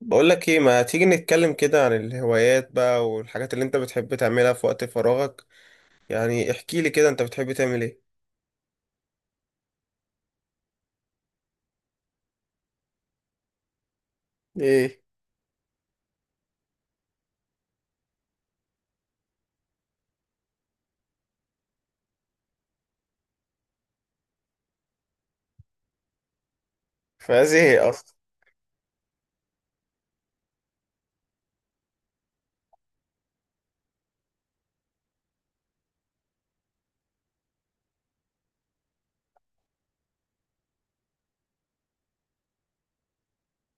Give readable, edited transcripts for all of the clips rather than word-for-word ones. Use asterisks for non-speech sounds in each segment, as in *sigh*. بقول لك ايه، ما تيجي نتكلم كده عن الهوايات بقى والحاجات اللي انت بتحب تعملها في وقت فراغك؟ يعني احكي لي كده، انت بتحب تعمل ايه؟ ايه؟ فازاي؟ ايه اصلا؟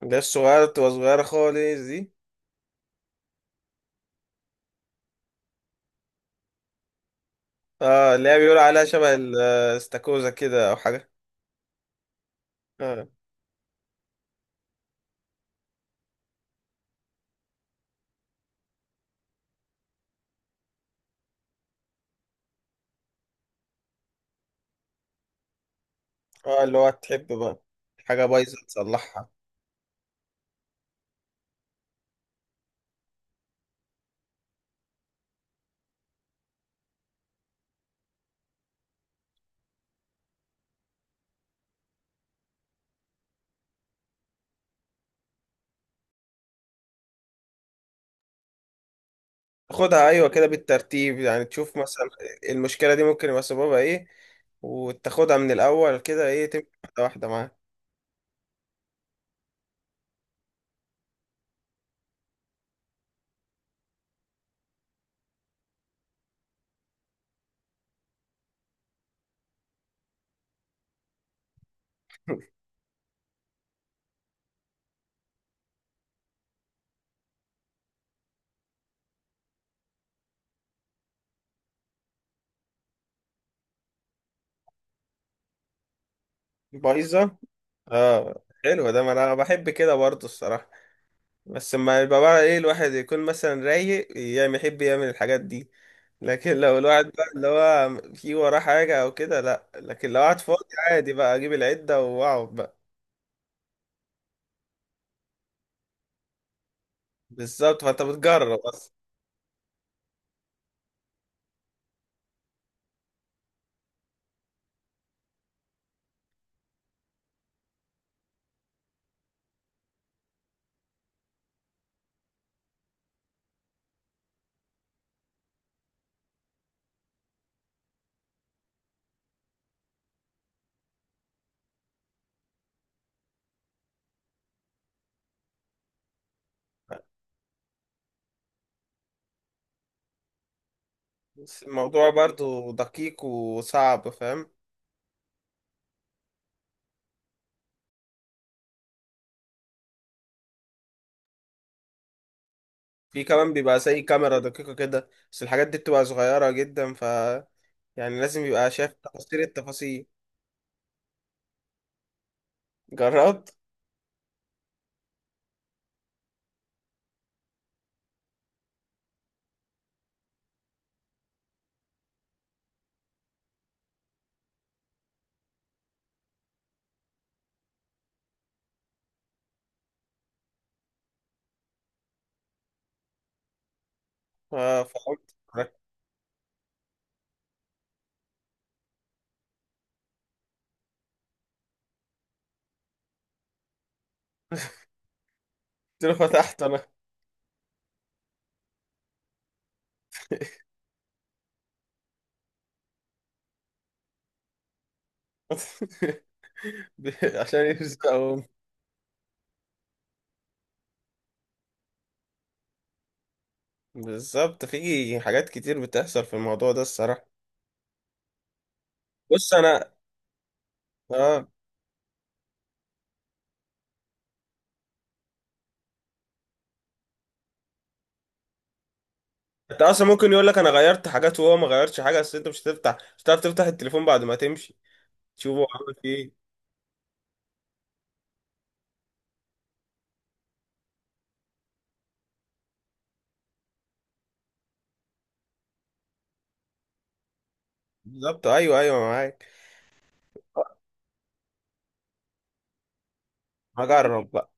ده الصغيرة بتبقى صغيرة خالص دي؟ اه، اللي هي بيقول عليها شبه الاستاكوزا كده او حاجة. اه. اه، اللي هو تحب بقى حاجة بايظة تصلحها. تاخدها ايوه كده بالترتيب، يعني تشوف مثلا المشكلة دي ممكن يبقى سببها ايه وتاخدها من الاول كده ايه تمشي واحدة واحدة معاها. *laughs* بايظة. اه حلو، ده ما انا بحب كده برضه الصراحه. بس لما يبقى بقى ايه الواحد يكون مثلا رايق، يعني يحب يعمل الحاجات دي. لكن لو الواحد بقى اللي هو في وراه حاجه او كده، لا. لكن لو قعد فاضي عادي بقى اجيب العده واقعد بقى. بالظبط، فانت بتجرب اصلا. بس الموضوع برضه دقيق وصعب، فاهم؟ في كمان بيبقى زي كاميرا دقيقه كده، بس الحاجات دي بتبقى صغيره جدا ف يعني لازم يبقى شايف تفاصيل التفاصيل. جربت؟ اه فقمت رحت له. *laughs* فتحت انا. *laughs* عشان يرزقهم. بالظبط، في حاجات كتير بتحصل في الموضوع ده الصراحة. بص انا اه، انت اصلا ممكن يقول لك انا غيرت حاجات وهو ما غيرش حاجة، بس انت مش هتفتح، مش هتعرف تفتح التليفون بعد ما تمشي تشوفه عمل فيه إيه. بالظبط، ايوه ايوه معاك. هجرب بقى.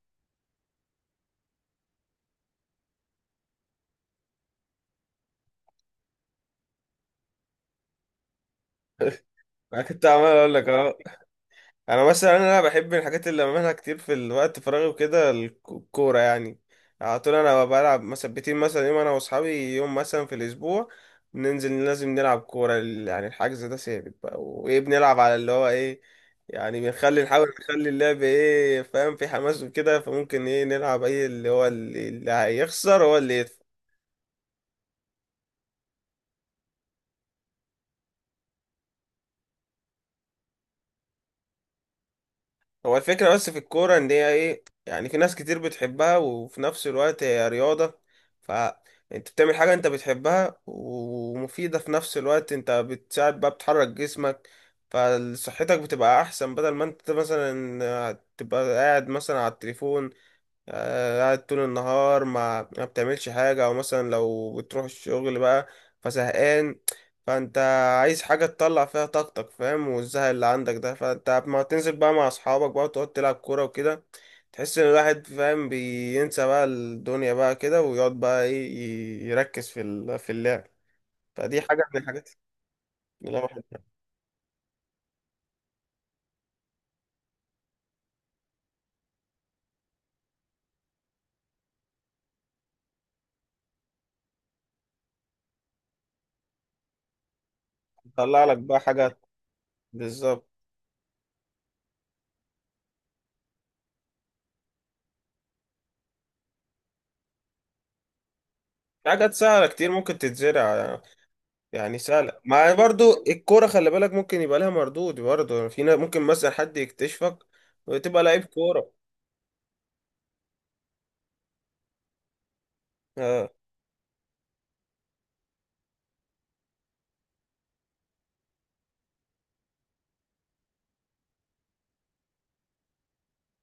انا كنت عمال اقول لك اهو، انا مثلا انا بحب الحاجات اللي بعملها كتير في الوقت فراغي وكده الكوره يعني. على طول انا بلعب مثبتين، مثلا يوم انا واصحابي، يوم مثلا في الاسبوع بننزل لازم نلعب كوره يعني الحجز ده ثابت بقى. وايه، بنلعب على اللي هو ايه، يعني بنخلي نحاول نخلي اللعب ايه، فاهم؟ في حماس وكده، فممكن ايه نلعب اي اللي هو اللي هيخسر هو اللي يدفع. هو الفكرة بس في الكورة ان هي ايه، يعني في ناس كتير بتحبها وفي نفس الوقت هي رياضة. فانت بتعمل حاجة انت بتحبها ومفيدة في نفس الوقت، انت بتساعد بقى، بتحرك جسمك، فصحتك بتبقى احسن، بدل ما انت مثلا تبقى قاعد مثلا على التليفون، آه، قاعد طول النهار ما بتعملش حاجة. أو مثلا لو بتروح الشغل بقى فزهقان، فأنت عايز حاجة تطلع فيها طاقتك، فاهم؟ والزهق اللي عندك ده، فأنت ما تنزل بقى مع أصحابك بقى وتقعد تلعب كورة وكده. تحس إن الواحد، فاهم، بينسى بقى الدنيا بقى كده ويقعد بقى إيه، يركز في في اللعب. فدي حاجة من الحاجات اللي بتطلع لك بقى حاجة. بالظبط، في حاجات سهلة كتير ممكن تتزرع يعني. يعني سهلة، ما برضو الكورة خلي بالك ممكن يبقى لها مردود برضو، يعني في ناس ممكن مثلا حد يكتشفك وتبقى لعيب كورة. اه،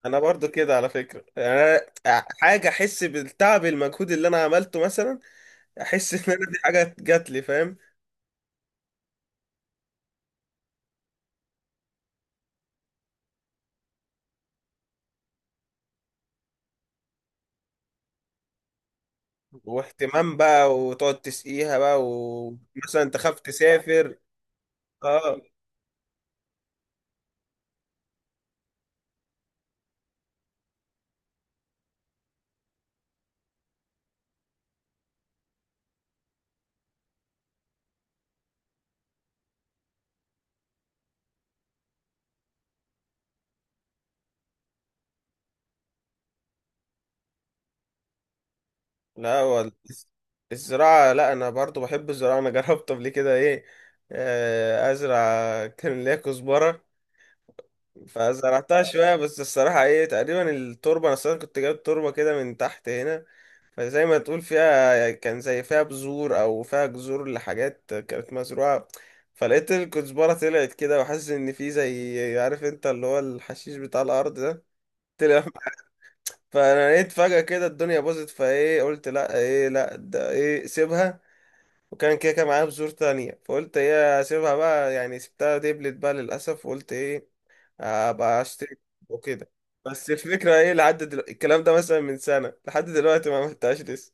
انا برضو كده على فكرة يعني. أنا حاجة احس بالتعب، المجهود اللي انا عملته مثلا، احس ان انا دي حاجة جات لي، فاهم؟ واهتمام بقى، وتقعد تسقيها بقى، ومثلا تخاف تسافر. اه. لا الزراعة، لا أنا برضو بحب الزراعة. أنا *laughs* جربت قبل كده إيه، آه، أزرع. كان ليا كزبرة، فزرعتها شوية. بس الصراحة ايه، تقريبا التربة، أنا أصلا كنت جايب تربة كده من تحت هنا، فزي ما تقول فيها، كان زي فيها بذور أو فيها جذور لحاجات كانت مزروعة. فلقيت الكزبرة طلعت كده، وحاسس إن في زي عارف أنت اللي هو الحشيش بتاع الأرض ده، طلع. *laughs* فأنا لقيت فجأة كده الدنيا باظت، فايه قلت لأ، ايه لأ ده، ايه سيبها. وكان كده، كان معايا بذور تانية، فقلت ايه سيبها بقى، يعني سبتها دبلت بقى للأسف، وقلت ايه، ابقى اشتري وكده. بس الفكره ايه، لحد الكلام ده مثلا من سنه لحد دلوقتي ما عملتهاش لسه.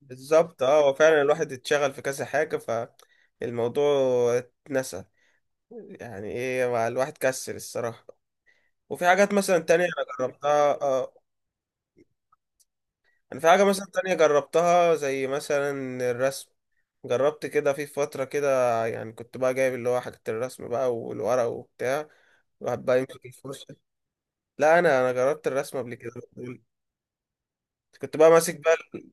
بالظبط، اه، هو فعلا الواحد اتشغل في كذا حاجه، فالموضوع اتنسى. يعني ايه، مع الواحد كسر الصراحه. وفي حاجات مثلا تانية انا جربتها اه. انا في حاجه مثلا تانية جربتها، زي مثلا الرسم. جربت كده في فتره كده، يعني كنت بقى جايب اللي هو حاجه الرسم بقى والورق وبتاع، الواحد بقى يمسك الفرشه. لا انا جربت الرسم قبل كده. كنت بقى ماسك بقى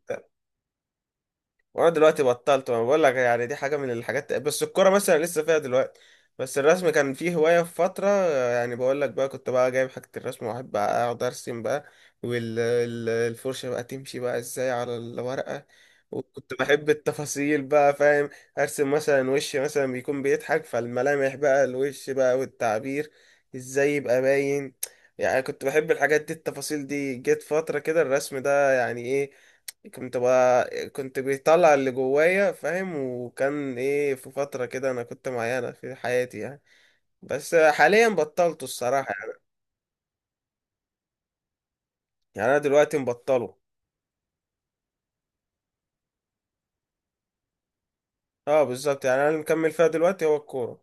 وانا دلوقتي بطلت، ما بقول لك يعني دي حاجه من الحاجات. بس الكوره مثلا لسه فيها دلوقتي. بس الرسم كان فيه هوايه في فتره. يعني بقول لك بقى، كنت بقى جايب حاجه الرسم، واحب بقى اقعد ارسم بقى، والفرشه بقى تمشي بقى ازاي على الورقه. وكنت بحب التفاصيل بقى، فاهم؟ ارسم مثلا وش مثلا بيكون بيضحك، فالملامح بقى، الوش بقى، والتعبير ازاي يبقى باين. يعني كنت بحب الحاجات دي، التفاصيل دي. جت فترة كده الرسم ده يعني ايه، كنت بقى، كنت بيطلع اللي جوايا، فاهم؟ وكان ايه، في فترة كده انا كنت معينة في حياتي يعني. بس حاليا بطلته الصراحة يعني. يعني انا دلوقتي مبطله. اه بالظبط، يعني انا اللي مكمل فيها دلوقتي هو الكورة.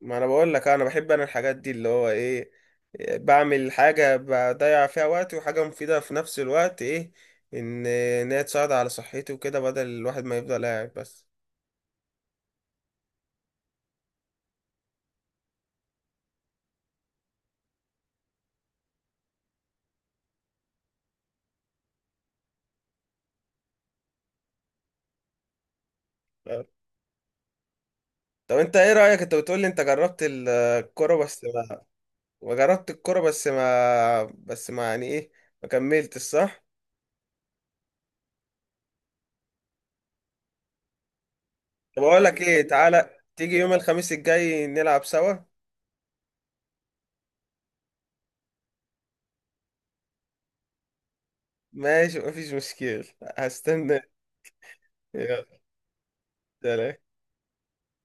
ما انا بقول لك آه، انا بحب انا الحاجات دي اللي هو ايه، بعمل حاجة بضيع فيها وقتي وحاجة مفيدة في نفس الوقت، ايه، ان هي تساعد على صحتي وكده، بدل الواحد ما يفضل قاعد بس. طب انت ايه رأيك؟ انت بتقول لي انت جربت الكورة بس، وجربت الكرة بس ما، بس ما يعني ايه، ما كملتش، صح؟ طب اقول لك ايه، تعالى تيجي يوم الخميس الجاي نلعب سوا. ماشي مفيش مشكلة، هستنى. يلا، سلام.